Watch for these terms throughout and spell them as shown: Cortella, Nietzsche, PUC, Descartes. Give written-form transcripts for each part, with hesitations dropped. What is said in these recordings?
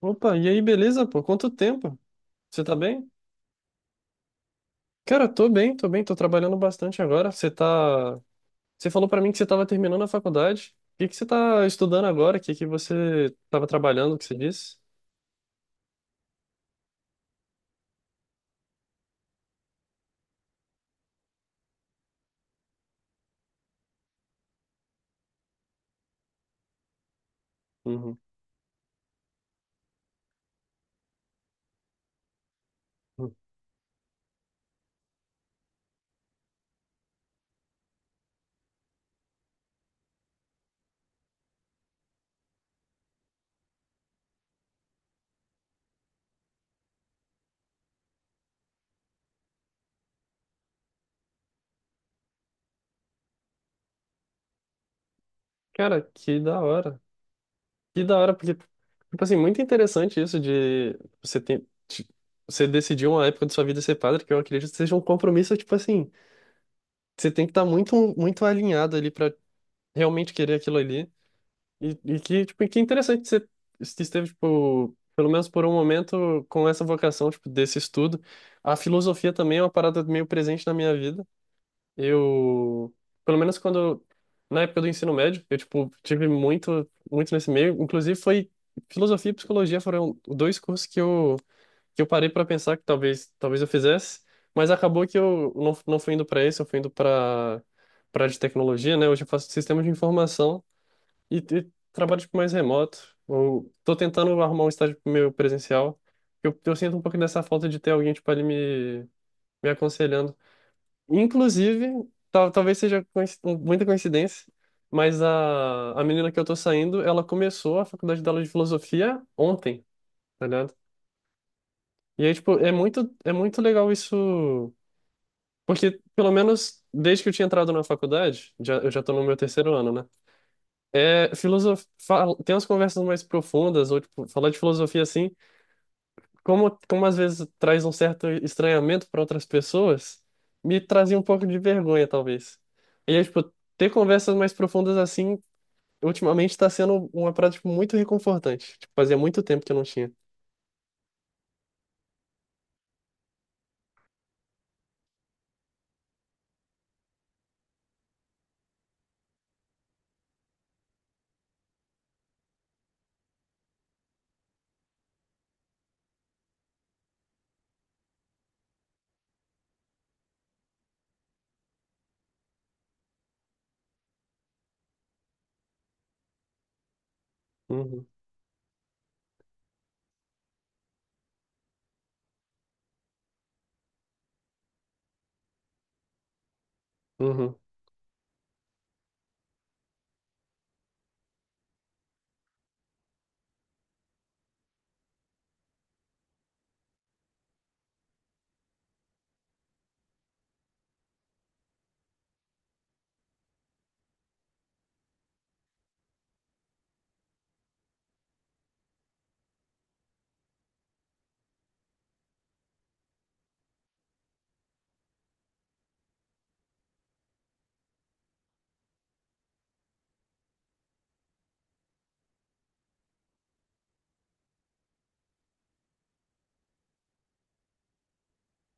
Opa, e aí, beleza, pô? Quanto tempo? Você tá bem? Cara, tô bem, tô bem, tô trabalhando bastante agora. Você tá. Você falou pra mim que você tava terminando a faculdade. O que que você tá estudando agora? O que que você tava trabalhando, que você disse? Uhum. Uhum. Cara, que da hora. Que da hora, porque, tipo assim, muito interessante isso de você tem. Você decidiu uma época de sua vida ser padre, que eu acredito que seja um compromisso, tipo assim, você tem que estar muito, muito alinhado ali pra realmente querer aquilo ali. E que, tipo, e que interessante que você que esteve, tipo, pelo menos por um momento, com essa vocação, tipo, desse estudo. A filosofia também é uma parada meio presente na minha vida. Eu, pelo menos quando, na época do ensino médio, eu, tipo, tive muito, muito nesse meio. Inclusive, foi filosofia e psicologia foram dois cursos que eu parei para pensar que talvez, talvez eu fizesse, mas acabou que eu não, não fui indo para esse, eu fui indo para para de tecnologia, né? Hoje eu faço sistema de informação. E trabalho tipo, mais remoto. Ou tô tentando arrumar um estágio meu presencial. Eu sinto um pouco dessa falta de ter alguém tipo, ali me, me aconselhando. Inclusive, talvez seja muita coincidência, mas a menina que eu tô saindo, ela começou a faculdade dela de filosofia ontem, tá ligado? E aí, tipo, é muito legal isso. Porque, pelo menos, desde que eu tinha entrado na faculdade, já, eu já tô no meu terceiro ano, né? É, tem umas conversas mais profundas, ou tipo, falar de filosofia assim, como, como às vezes traz um certo estranhamento para outras pessoas, me trazia um pouco de vergonha, talvez. E aí, tipo, ter conversas mais profundas assim, ultimamente está sendo uma prática tipo, muito reconfortante. Tipo, fazia muito tempo que eu não tinha. Uhum. Uhum.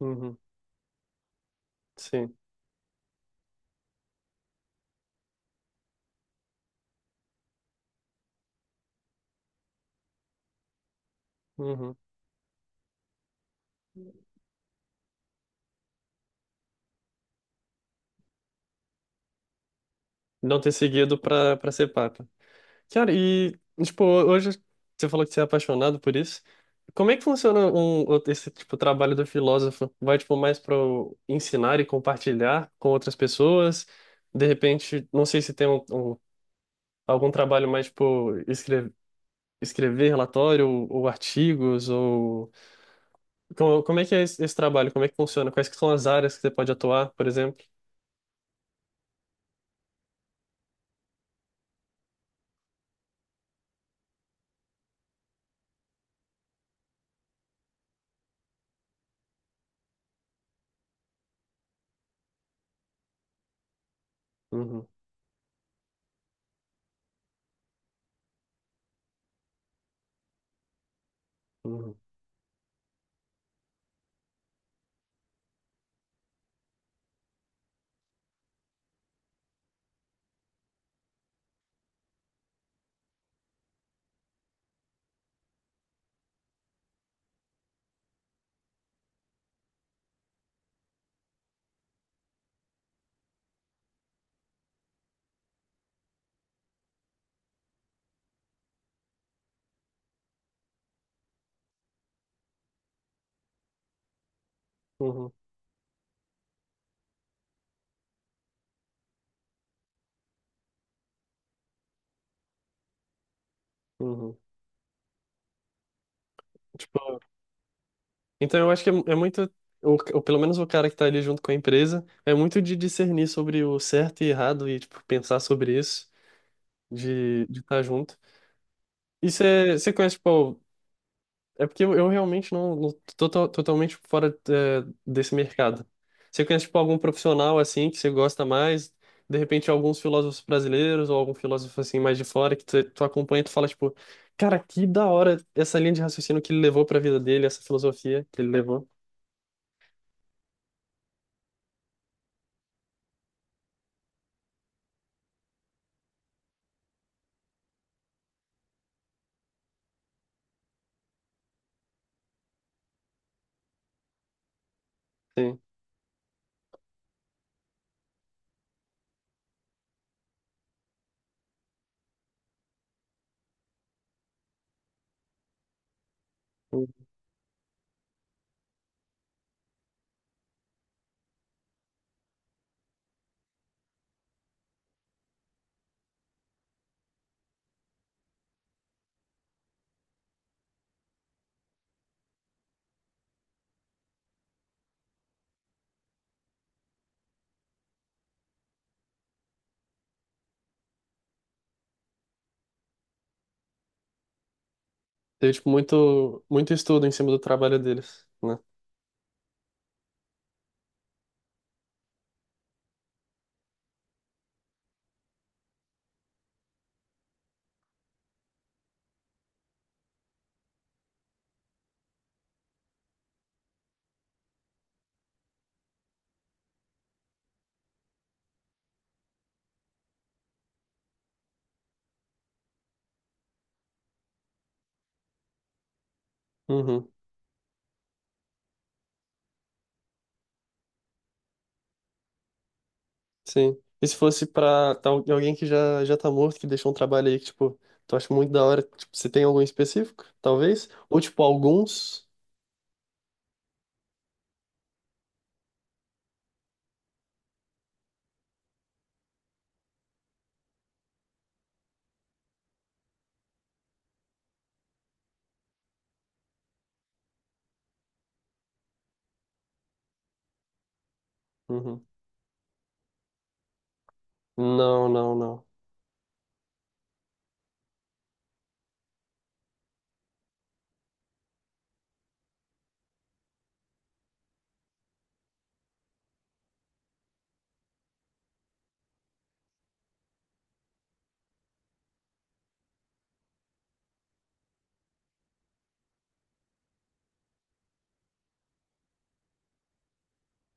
Uhum. Sim. Uhum. Não ter seguido para para ser papa. Cara, e, tipo, hoje você falou que você é apaixonado por isso. Como é que funciona esse, tipo, trabalho do filósofo? Vai, tipo, mais para ensinar e compartilhar com outras pessoas? De repente, não sei se tem um, algum trabalho mais, tipo, escrever, escrever relatório ou artigos, ou... Como, como é que é esse, esse trabalho? Como é que funciona? Quais que são as áreas que você pode atuar, por exemplo? Uhum. Uhum. Uhum. Uhum. Tipo, então eu acho que é, é muito, ou pelo menos o cara que tá ali junto com a empresa, é muito de discernir sobre o certo e errado e, tipo, pensar sobre isso, de estar junto. E você conhece, tipo, é porque eu realmente não, não tô totalmente fora é, desse mercado. Você conhece, tipo, algum profissional, assim, que você gosta mais, de repente alguns filósofos brasileiros ou algum filósofo, assim, mais de fora, que tu, tu acompanha e tu fala, tipo, cara, que da hora essa linha de raciocínio que ele levou pra vida dele, essa filosofia que ele levou. Sim. Teve, tipo, muito, muito estudo em cima do trabalho deles, né? Uhum. Sim. E se fosse pra alguém que já, já tá morto, que deixou um trabalho aí que, tipo, tu acha muito da hora, tipo, você tem algum específico, talvez? Ou, tipo, alguns? Uhum. Não, não, não.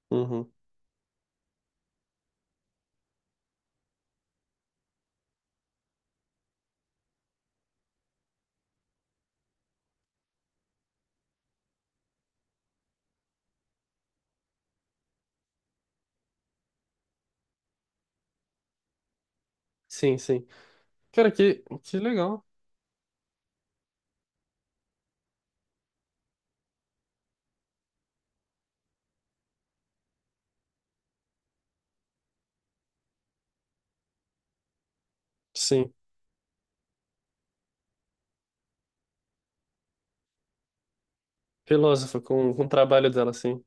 Uhum. Sim, sim. Cara, que legal. Sim. Filósofa, com o trabalho dela, sim.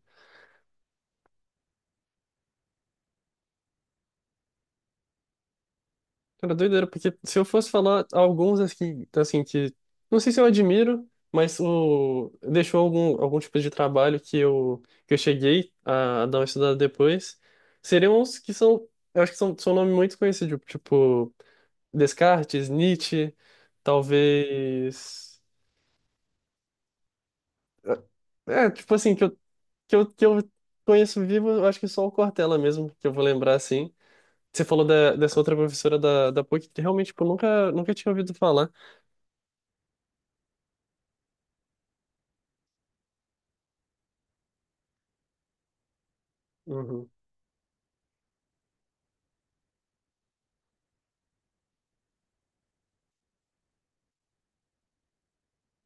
Cara, doideira, porque se eu fosse falar alguns assim, assim que não sei se eu admiro, mas o deixou algum algum tipo de trabalho que eu cheguei a, dar uma estudada depois, seriam uns que são, eu acho que são são nomes muito conhecidos, tipo Descartes, Nietzsche, talvez é, tipo assim que eu que eu, que eu conheço vivo, eu acho que só o Cortella mesmo que eu vou lembrar assim. Você falou da, dessa outra professora da, da PUC que realmente tipo, eu nunca nunca tinha ouvido falar. Uhum.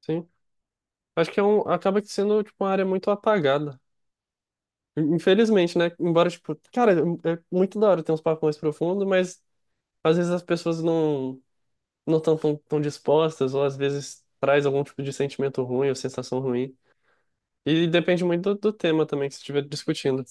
Sim. Acho que é um, acaba que sendo tipo, uma área muito apagada. Infelizmente, né? Embora, tipo, cara, é muito da hora ter uns papos mais profundos, mas às vezes as pessoas não não estão tão, tão tão dispostas, ou às vezes traz algum tipo de sentimento ruim ou sensação ruim. E depende muito do, do tema também que você estiver discutindo.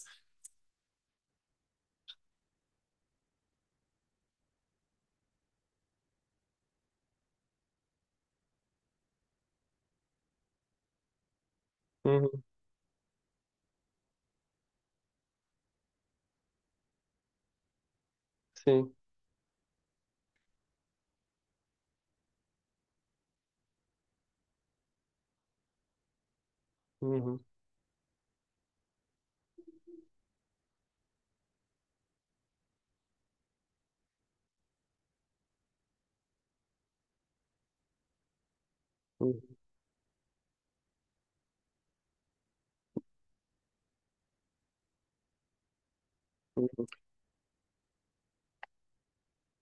Uhum. Sim. Uhum. Uhum. Uhum.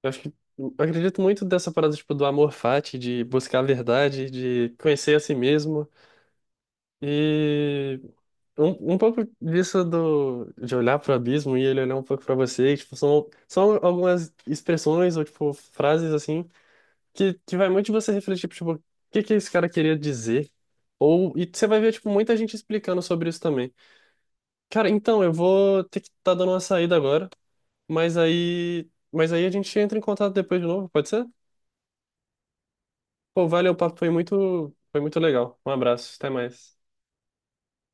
Eu acho que eu acredito muito dessa parada, tipo, do amor fati, de buscar a verdade, de conhecer a si mesmo. E um pouco disso do, de olhar para o abismo e ele olhar um pouco para você, tipo, são, são algumas expressões ou, tipo, frases, assim, que vai muito de você refletir, tipo, o que que esse cara queria dizer? Ou, e você vai ver, tipo, muita gente explicando sobre isso também. Cara, então, eu vou ter que estar dando uma saída agora, mas aí a gente entra em contato depois de novo, pode ser? Pô, valeu, o papo foi muito legal. Um abraço, até mais.